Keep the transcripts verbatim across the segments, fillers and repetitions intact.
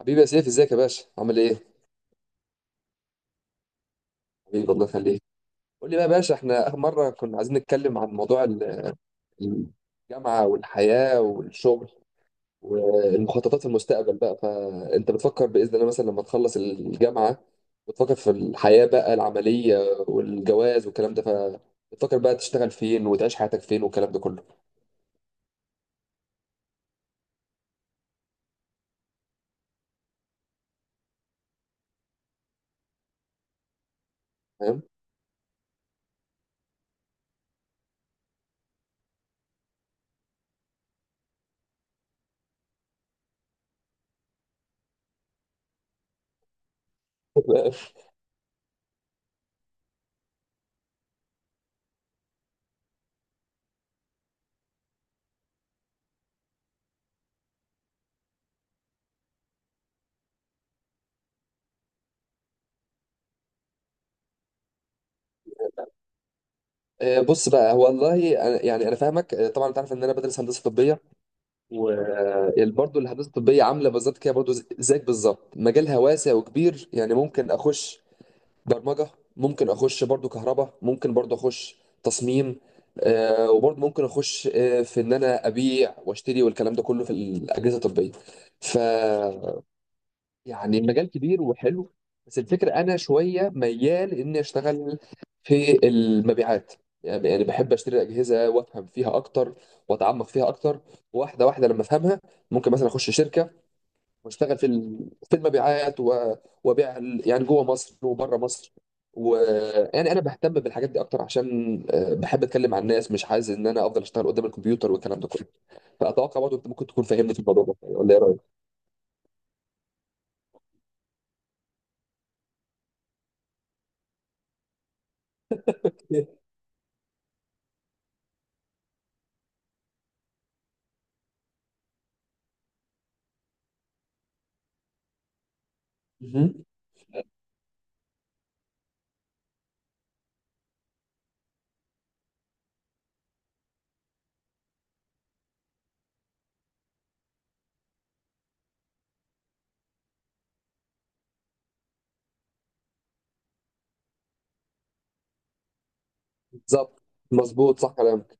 حبيبي يا سيف، ازيك يا باشا؟ عامل ايه؟ حبيبي الله يخليك. قول لي بقى يا باشا، احنا اخر مره كنا عايزين نتكلم عن موضوع ال- الجامعه والحياه والشغل والمخططات المستقبل بقى. فانت بتفكر باذن الله مثلا لما تخلص الجامعه، بتفكر في الحياه بقى العمليه والجواز والكلام ده، فبتفكر بقى تشتغل فين وتعيش حياتك فين والكلام ده كله. فاهم. آه، بص بقى، هو والله أنا- يعني انا فاهمك. آه، طبعا انت عارف ان انا بدرس هندسه طبيه، وبرضه الهندسه الطبيه عامله بالظبط كده برضه، زيك بالظبط. مجالها واسع وكبير. يعني ممكن اخش برمجه، ممكن اخش برضه كهرباء، ممكن برضه اخش تصميم، آه، وبرضه ممكن اخش آه، في ان انا ابيع واشتري والكلام ده كله في الاجهزه الطبيه. ف يعني المجال كبير وحلو. بس الفكرة أنا شوية ميال إني أشتغل في المبيعات. يعني يعني بحب أشتري أجهزة وأفهم فيها أكتر، وأتعمق فيها أكتر، واحدة واحدة لما أفهمها. ممكن مثلا أخش شركة وأشتغل في ال- في المبيعات و- وأبيع ال- يعني جوه مصر وبره مصر. ويعني أنا بهتم بالحاجات دي أكتر عشان آه، بحب أتكلم مع الناس، مش عايز إن أنا أفضل أشتغل قدام الكمبيوتر والكلام ده كله. فأتوقع برضه أنت ممكن تكون فاهمني في الموضوع ده، ولا إيه رأيك؟ مهم. بالظبط. مظبوط، صح كلامك.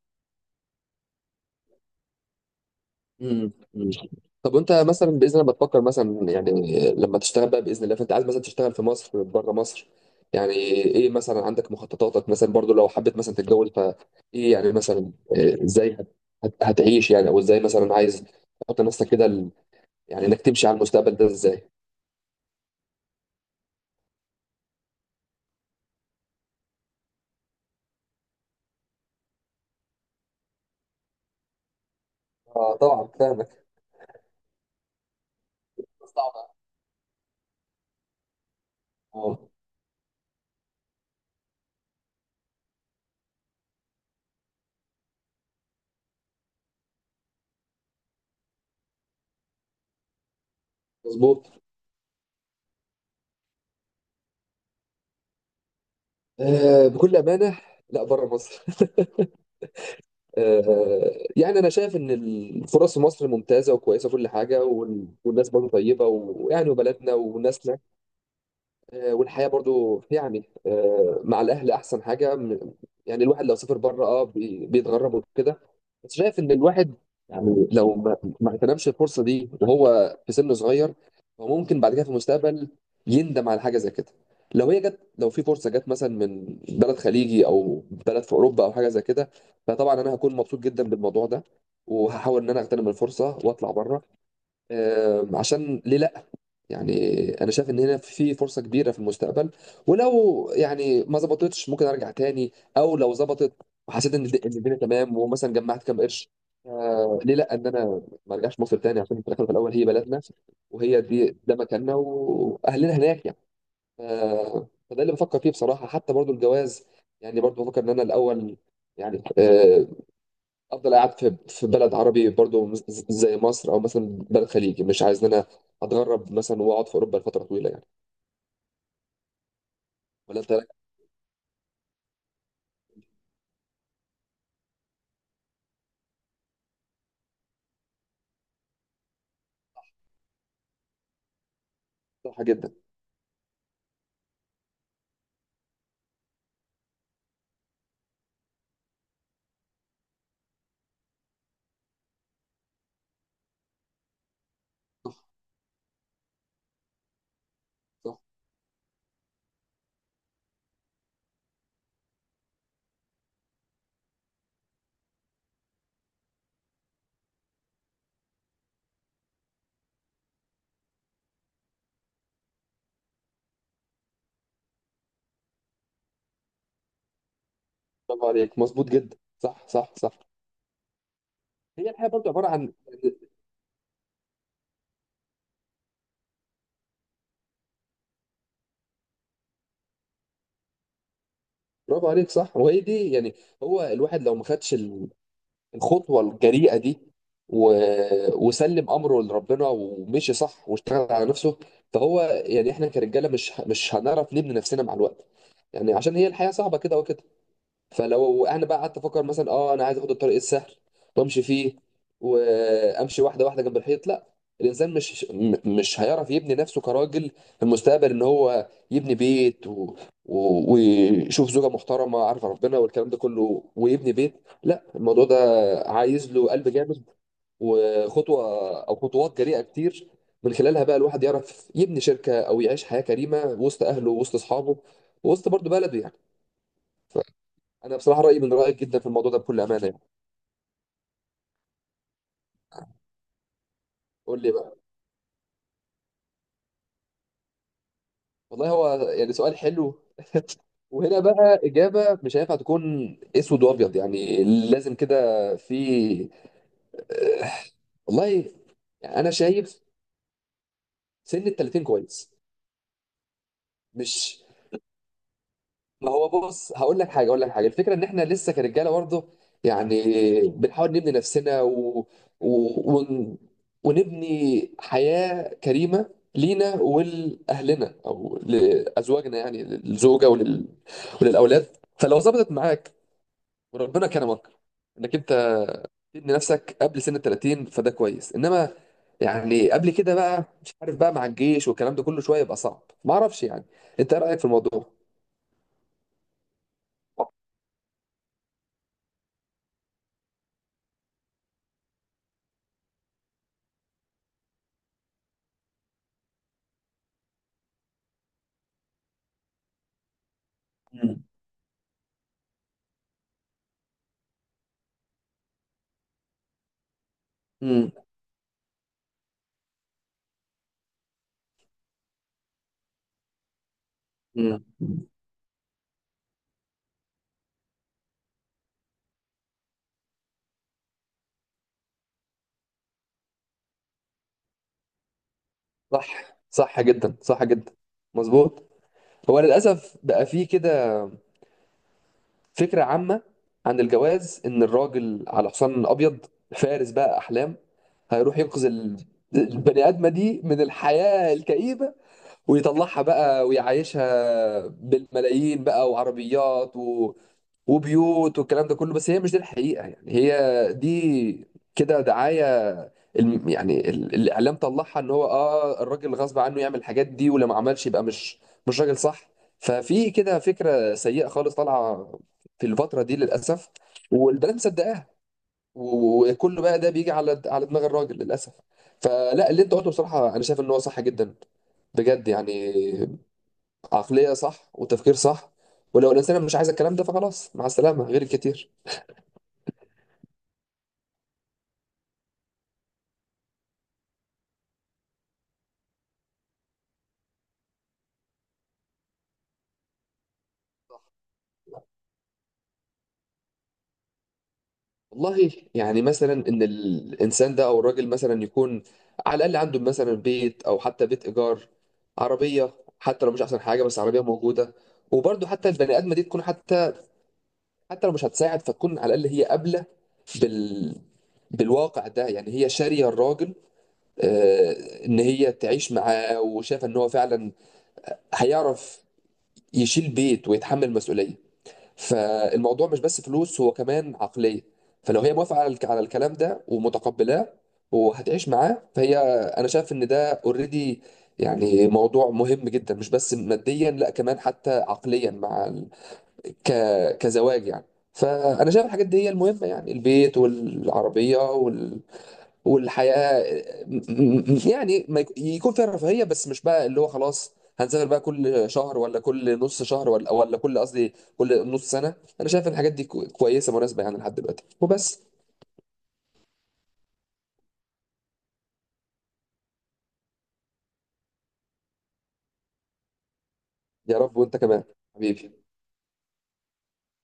امم أمم. طب وانت مثلا باذن الله بتفكر مثلا يعني لما تشتغل بقى باذن الله، فانت عايز مثلا تشتغل في مصر، بره مصر؟ يعني ايه مثلا عندك مخططاتك؟ مثلا برضو لو حبيت مثلا تتجوز، فايه يعني مثلا إيه، ازاي هت- هت- هتعيش يعني؟ او ازاي مثلا عايز تحط نفسك كده ال- يعني انك تمشي على المستقبل ده ازاي؟ اه طبعا فاهمك. صعبة. اه، مظبوط. آه، بكل امانه، لا، بره مصر. آه، يعني انا شايف ان الفرص في مصر ممتازه وكويسه وكل حاجه، وال- والناس برضه طيبه، ويعني وبلدنا والناس، آه، والحياة برضو يعني، آه، مع الأهل أحسن حاجة. من- يعني الواحد لو سافر بره اه بي- بيتغرب وكده. بس شايف إن الواحد يعني لو ما ما اغتنمش الفرصة دي وهو في سن صغير، هو ممكن بعد كده في المستقبل يندم على حاجة زي كده. لو هي جت، لو في فرصة جت مثلا من بلد خليجي أو بلد في أوروبا أو حاجة زي كده، فطبعا أنا هكون مبسوط جدا بالموضوع ده، وهحاول إن أنا أغتنم الفرصة وأطلع بره. آه، عشان ليه لأ؟ يعني انا شايف ان هنا في فرصه كبيره في المستقبل، ولو يعني ما ظبطتش ممكن ارجع تاني، او لو ظبطت وحسيت ان الد- إن الدنيا تمام ومثلا جمعت كام قرش، آه ليه لا ان انا ما ارجعش مصر تاني؟ عشان في الاخر في الاول هي بلدنا، وهي دي ده مكاننا واهلنا هناك يعني. آه، فده اللي بفكر فيه بصراحه. حتى برضو الجواز، يعني برضو بفكر ان انا الاول يعني، آه، افضل قاعد في في بلد عربي برضو مس- زي مصر، او مثلا بلد خليجي. مش عايز ان انا اتغرب مثلا واقعد في اوروبا لفتره طويله يعني. ولا انت رأيك؟ صح جدا. صح صح. برافو عليك، مظبوط جدا، صح صح صح. هي الحياه برضو عباره عن يعني. برافو عليك، صح، وهي دي يعني. هو الواحد لو ما خدش ال- الخطوه الجريئه دي و... وسلم امره لربنا ومشي صح واشتغل على نفسه، فهو يعني احنا كرجاله مش مش هنعرف نبني نفسنا مع الوقت، يعني عشان هي الحياه صعبه كده وكده. فلو انا بقى قعدت افكر مثلا اه انا عايز اخد الطريق السهل وامشي فيه، وامشي واحده واحده جنب الحيط، لا، الانسان مش م- مش هيعرف يبني نفسه كراجل في المستقبل، ان هو يبني بيت و... و... ويشوف زوجه محترمه عارفه ربنا والكلام ده كله، ويبني بيت. لا، الموضوع ده عايز له قلب جامد، وخطوه او خطوات جريئه كتير، من خلالها بقى الواحد يعرف يبني شركه او يعيش حياه كريمه وسط اهله، وسط اصحابه، وسط برضه بلده يعني. انا بصراحه رايي من رايك جدا في الموضوع ده، بكل امانه يعني. قول لي بقى. والله، هو يعني سؤال حلو، وهنا بقى اجابه مش هينفع تكون اسود وابيض يعني، لازم كده في، آه، والله يعني انا شايف سن ال تلاتين كويس. مش، ما هو بص، هقول لك حاجه اقول لك حاجه، الفكره ان احنا لسه كرجاله برضه، يعني بنحاول نبني نفسنا و... و... ون... ونبني حياه كريمه لينا ولاهلنا او لازواجنا، يعني للزوجه ولل... وللاولاد. فلو ظبطت معاك وربنا كرمك انك انت تبني نفسك قبل سن ال تلاتين، فده كويس. انما يعني قبل كده بقى مش عارف بقى، مع الجيش والكلام ده كله شويه يبقى صعب، ما اعرفش يعني. انت ايه رايك في الموضوع؟ مم. مم. صح، صح جدا، صح جدا، مظبوط. هو للاسف بقى فيه كده فكره عامه عن الجواز ان الراجل على حصان ابيض، فارس بقى احلام، هيروح ينقذ ال- البني ادمه دي من الحياه الكئيبه، ويطلعها بقى ويعيشها بالملايين بقى، وعربيات و... وبيوت والكلام ده كله. بس هي مش دي الحقيقه، يعني هي دي كده دعايه. الم- يعني ال- الاعلام طلعها ان هو اه الراجل غصب عنه يعمل الحاجات دي، ولو ما عملش يبقى مش مش راجل، صح؟ ففي كده فكره سيئه خالص طالعه في الفتره دي للاسف، والبنات مصدقاها، و- وكله بقى ده بيجي على على دماغ الراجل للاسف. فلا، اللي انت قلته بصراحه انا شايف ان هو صح جدا، بجد يعني، عقليه صح وتفكير صح. ولو الانسان مش عايز الكلام ده، فخلاص مع السلامه، غير الكتير. والله يعني مثلا ان الانسان ده او الراجل مثلا يكون على الاقل عنده مثلا بيت او حتى بيت ايجار، عربيه حتى لو مش احسن حاجه بس عربيه موجوده. وبرضه حتى البني ادمه دي تكون حتى، حتى لو مش هتساعد، فتكون على الاقل هي قابله بال بالواقع ده، يعني هي شاريه الراجل، آه، ان هي تعيش معاه، وشايفه ان هو فعلا هيعرف يشيل بيت ويتحمل مسؤوليه. فالموضوع مش بس فلوس، هو كمان عقلية. فلو هي موافقة على الك- على الكلام ده ومتقبلاه وهتعيش معاه، فهي، أنا شايف إن ده أوريدي يعني، موضوع مهم جدا مش بس ماديا، لا كمان حتى عقليا، مع ال... ك... كزواج يعني. فأنا شايف الحاجات دي هي المهمة، يعني البيت والعربية والحياه، م- م- م- يعني ما يك- يكون فيها رفاهيه. بس مش بقى اللي هو خلاص هنسافر بقى كل شهر، ولا كل نص شهر، ولا ولا كل قصدي كل نص سنه. انا شايف ان الحاجات دي كو- كويسه مناسبه يعني لحد دلوقتي وبس. يا رب، وانت كمان حبيبي.